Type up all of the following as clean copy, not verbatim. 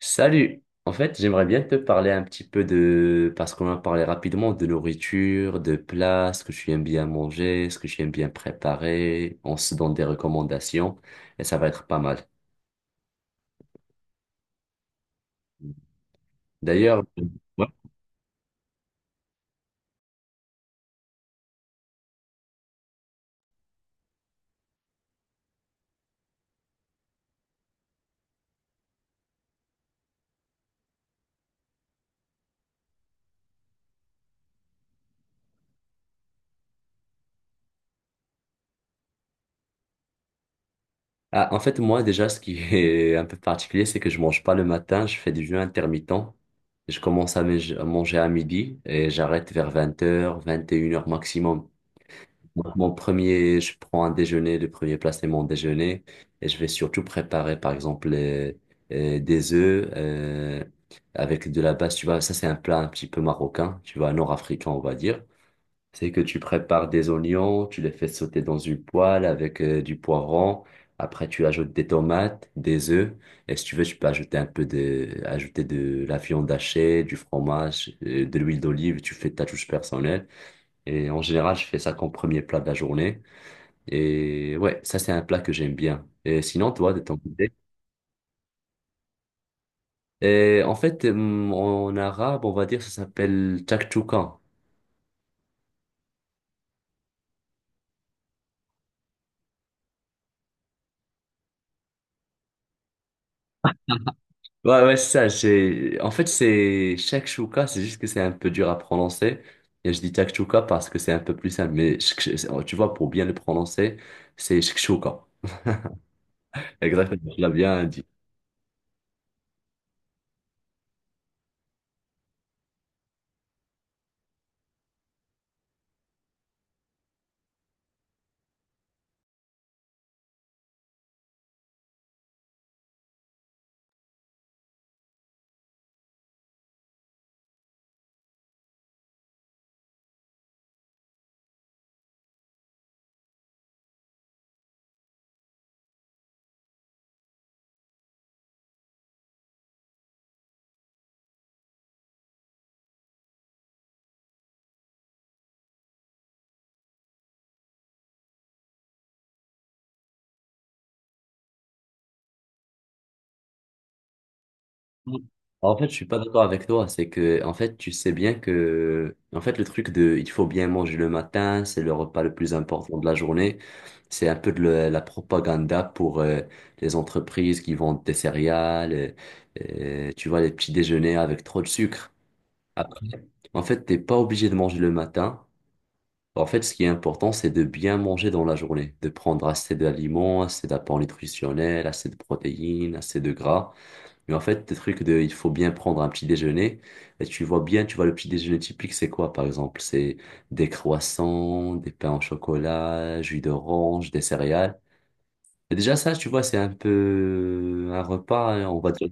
Salut! En fait, j'aimerais bien te parler un petit peu de. Parce qu'on a parlé rapidement de nourriture, de plats, ce que tu aimes bien manger, ce que tu aimes bien préparer. On se donne des recommandations et ça va être pas mal. D'ailleurs. Ouais. Ah, en fait, moi déjà, ce qui est un peu particulier, c'est que je mange pas le matin, je fais du jeûne intermittent. Je commence à manger à midi et j'arrête vers 20h, 21h maximum. Donc, mon premier, je prends un déjeuner, le premier plat, c'est mon déjeuner. Et je vais surtout préparer, par exemple, des œufs avec de la base. Tu vois, ça, c'est un plat un petit peu marocain, tu vois, nord-africain, on va dire. C'est que tu prépares des oignons, tu les fais sauter dans une poêle avec du poivron. Après, tu ajoutes des tomates, des œufs. Et si tu veux, tu peux ajouter un peu de, ajouter de la viande hachée, du fromage, de l'huile d'olive. Tu fais ta touche personnelle. Et en général, je fais ça comme premier plat de la journée. Et ouais, ça c'est un plat que j'aime bien. Et sinon, toi, de ton côté? Et en fait, en arabe, on va dire, ça s'appelle chakchouka. Ouais, ouais, c'est ça. J'ai. En fait, c'est shakshuka, c'est juste que c'est un peu dur à prononcer. Et je dis shakshuka parce que c'est un peu plus simple. Mais tu vois, pour bien le prononcer, c'est shakshuka. Exactement, tu l'as bien dit. Mm. En fait, je suis pas d'accord avec toi. C'est que, en fait, tu sais bien que, en fait, le truc de, il faut bien manger le matin, c'est le repas le plus important de la journée. C'est un peu de la propaganda pour les entreprises qui vendent des céréales, tu vois, les petits déjeuners avec trop de sucre. Après, en fait, t'es pas obligé de manger le matin. En fait, ce qui est important, c'est de bien manger dans la journée, de prendre assez d'aliments, assez d'apports nutritionnels, assez de protéines, assez de gras. Mais en fait, des trucs de, il faut bien prendre un petit déjeuner. Et tu vois bien, tu vois, le petit déjeuner typique, c'est quoi, par exemple? C'est des croissants, des pains au chocolat, jus d'orange, des céréales. Et déjà, ça, tu vois, c'est un peu un repas, hein, on va dire,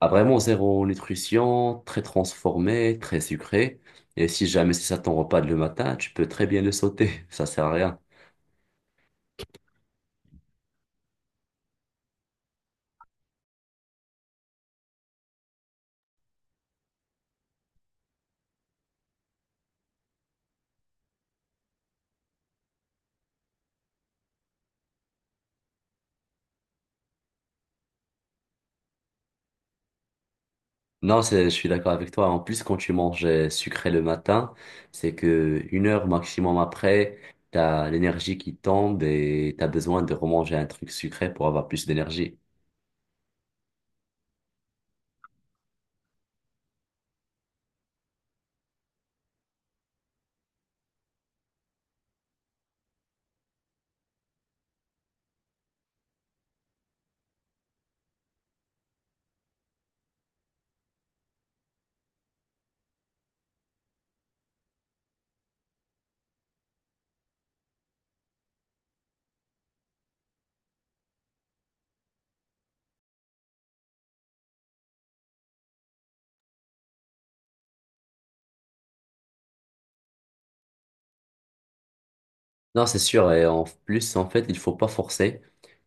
à vraiment zéro nutrition, très transformé, très sucré. Et si jamais c'est ça ton repas de le matin, tu peux très bien le sauter. Ça sert à rien. Non, c'est je suis d'accord avec toi. En plus, quand tu manges sucré le matin, c'est que 1 heure maximum après, t'as l'énergie qui tombe et t'as besoin de remanger un truc sucré pour avoir plus d'énergie. Non, c'est sûr. Et en plus, en fait, il faut pas forcer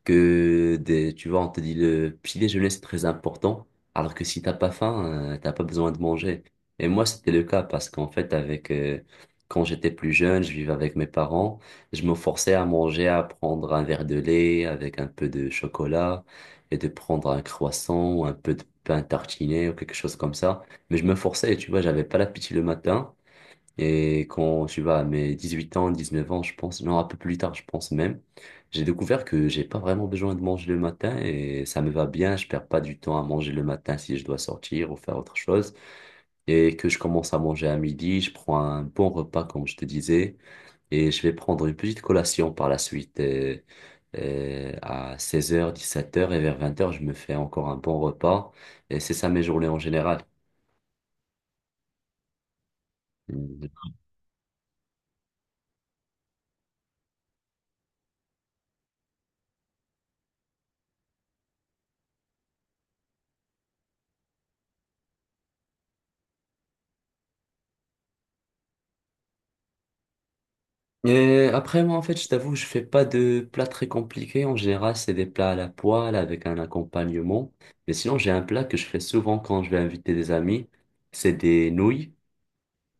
que des, tu vois, on te dit le petit déjeuner, c'est très important. Alors que si t'as pas faim, t'as pas besoin de manger. Et moi, c'était le cas parce qu'en fait, quand j'étais plus jeune, je vivais avec mes parents. Je me forçais à manger, à prendre un verre de lait avec un peu de chocolat et de prendre un croissant ou un peu de pain tartiné ou quelque chose comme ça. Mais je me forçais, tu vois, j'avais pas l'appétit le matin. Et quand tu vas à mes 18 ans, 19 ans, je pense, non, un peu plus tard, je pense même, j'ai découvert que j'ai pas vraiment besoin de manger le matin et ça me va bien, je perds pas du temps à manger le matin si je dois sortir ou faire autre chose. Et que je commence à manger à midi, je prends un bon repas, comme je te disais, et je vais prendre une petite collation par la suite. Et à 16h, 17h et vers 20h, je me fais encore un bon repas. Et c'est ça mes journées en général. Et après, moi, en fait, je t'avoue, je fais pas de plats très compliqués. En général, c'est des plats à la poêle avec un accompagnement. Mais sinon, j'ai un plat que je fais souvent quand je vais inviter des amis. C'est des nouilles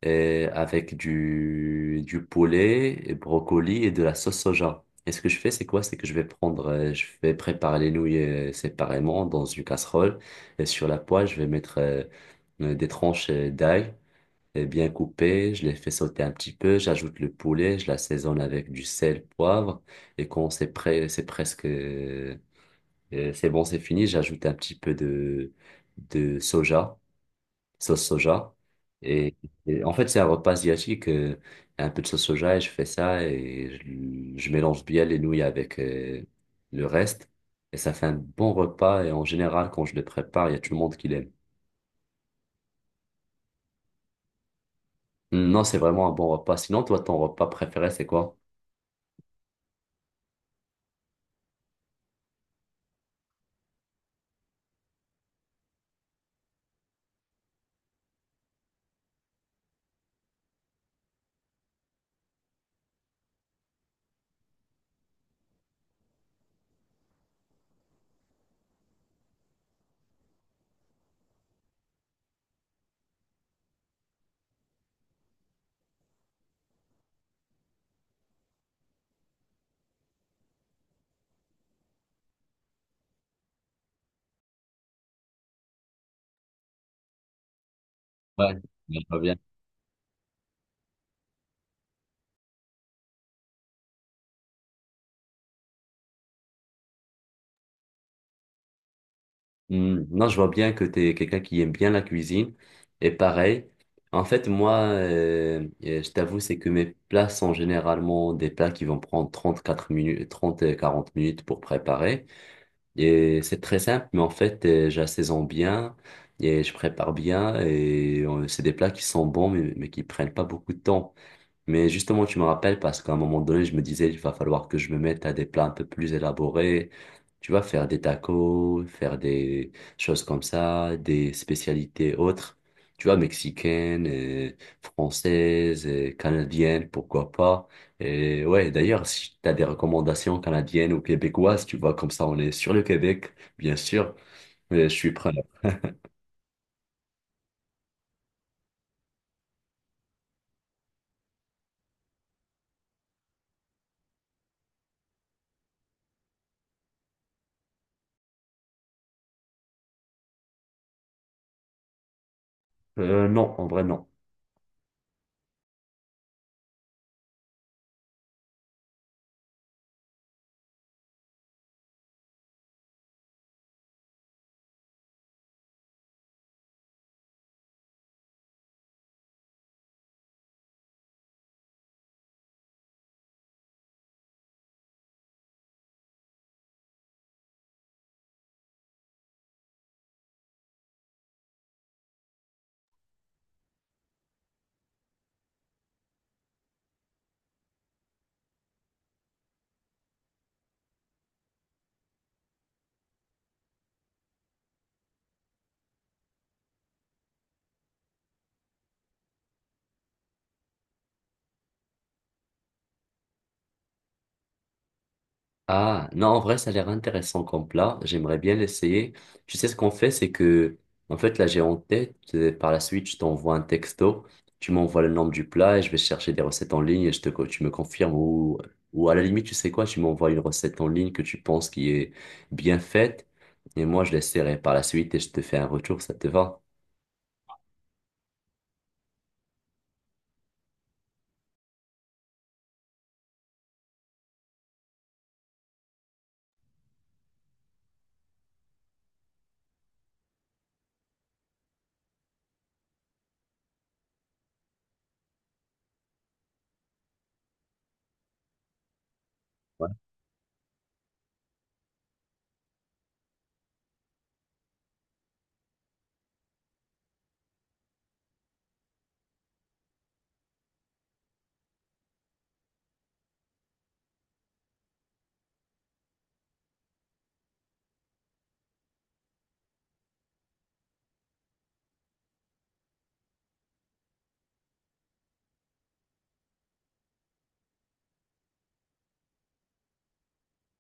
avec du poulet, et brocoli et de la sauce soja. Et ce que je fais, c'est quoi? C'est que je vais prendre, je vais préparer les nouilles séparément dans une casserole. Et sur la poêle, je vais mettre des tranches d'ail l'ai bien coupé, je l'ai fait sauter un petit peu, j'ajoute le poulet, je l'assaisonne avec du sel, poivre, et quand c'est prêt, c'est presque, c'est bon, c'est fini, j'ajoute un petit peu de soja, sauce soja, et, et en fait, c'est un repas asiatique, un peu de sauce soja, et je fais ça, et je mélange bien les nouilles avec, le reste, et ça fait un bon repas, et en général, quand je le prépare, il y a tout le monde qui l'aime. Non, c'est vraiment un bon repas. Sinon, toi, ton repas préféré, c'est quoi? Ouais, je vois bien. Hmm. Non, je vois bien que tu es quelqu'un qui aime bien la cuisine. Et pareil, en fait, moi, je t'avoue, c'est que mes plats sont généralement des plats qui vont prendre 34 minutes, 30 et 40 minutes pour préparer. Et c'est très simple, mais en fait, j'assaisonne bien et je prépare bien. Et c'est des plats qui sont bons, mais qui prennent pas beaucoup de temps. Mais justement, tu me rappelles parce qu'à un moment donné, je me disais, il va falloir que je me mette à des plats un peu plus élaborés. Tu vas faire des tacos, faire des choses comme ça, des spécialités autres. Tu vois, mexicaines, et françaises, et canadiennes, pourquoi pas. Et ouais, d'ailleurs, si tu as des recommandations canadiennes ou québécoises, tu vois, comme ça, on est sur le Québec, bien sûr. Mais je suis preneur. Non, en vrai, non. Ah, non, en vrai, ça a l'air intéressant comme plat. J'aimerais bien l'essayer. Tu sais, ce qu'on fait, c'est que, en fait, là, j'ai en tête, par la suite, je t'envoie un texto, tu m'envoies le nom du plat et je vais chercher des recettes en ligne et je te, tu me confirmes ou à la limite, tu sais quoi, tu m'envoies une recette en ligne que tu penses qui est bien faite et moi, je l'essaierai par la suite et je te fais un retour, ça te va?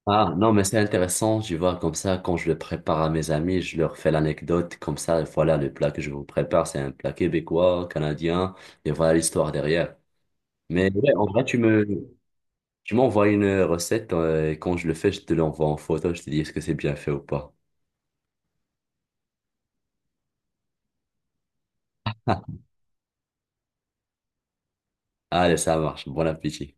Ah, non, mais c'est intéressant, tu vois, comme ça, quand je le prépare à mes amis, je leur fais l'anecdote, comme ça, voilà, le plat que je vous prépare, c'est un plat québécois, canadien, et voilà l'histoire derrière. Mais ouais, en vrai, tu m'envoies une recette, et quand je le fais, je te l'envoie en photo, je te dis est-ce que c'est bien fait ou pas. Allez, ça marche, bon appétit.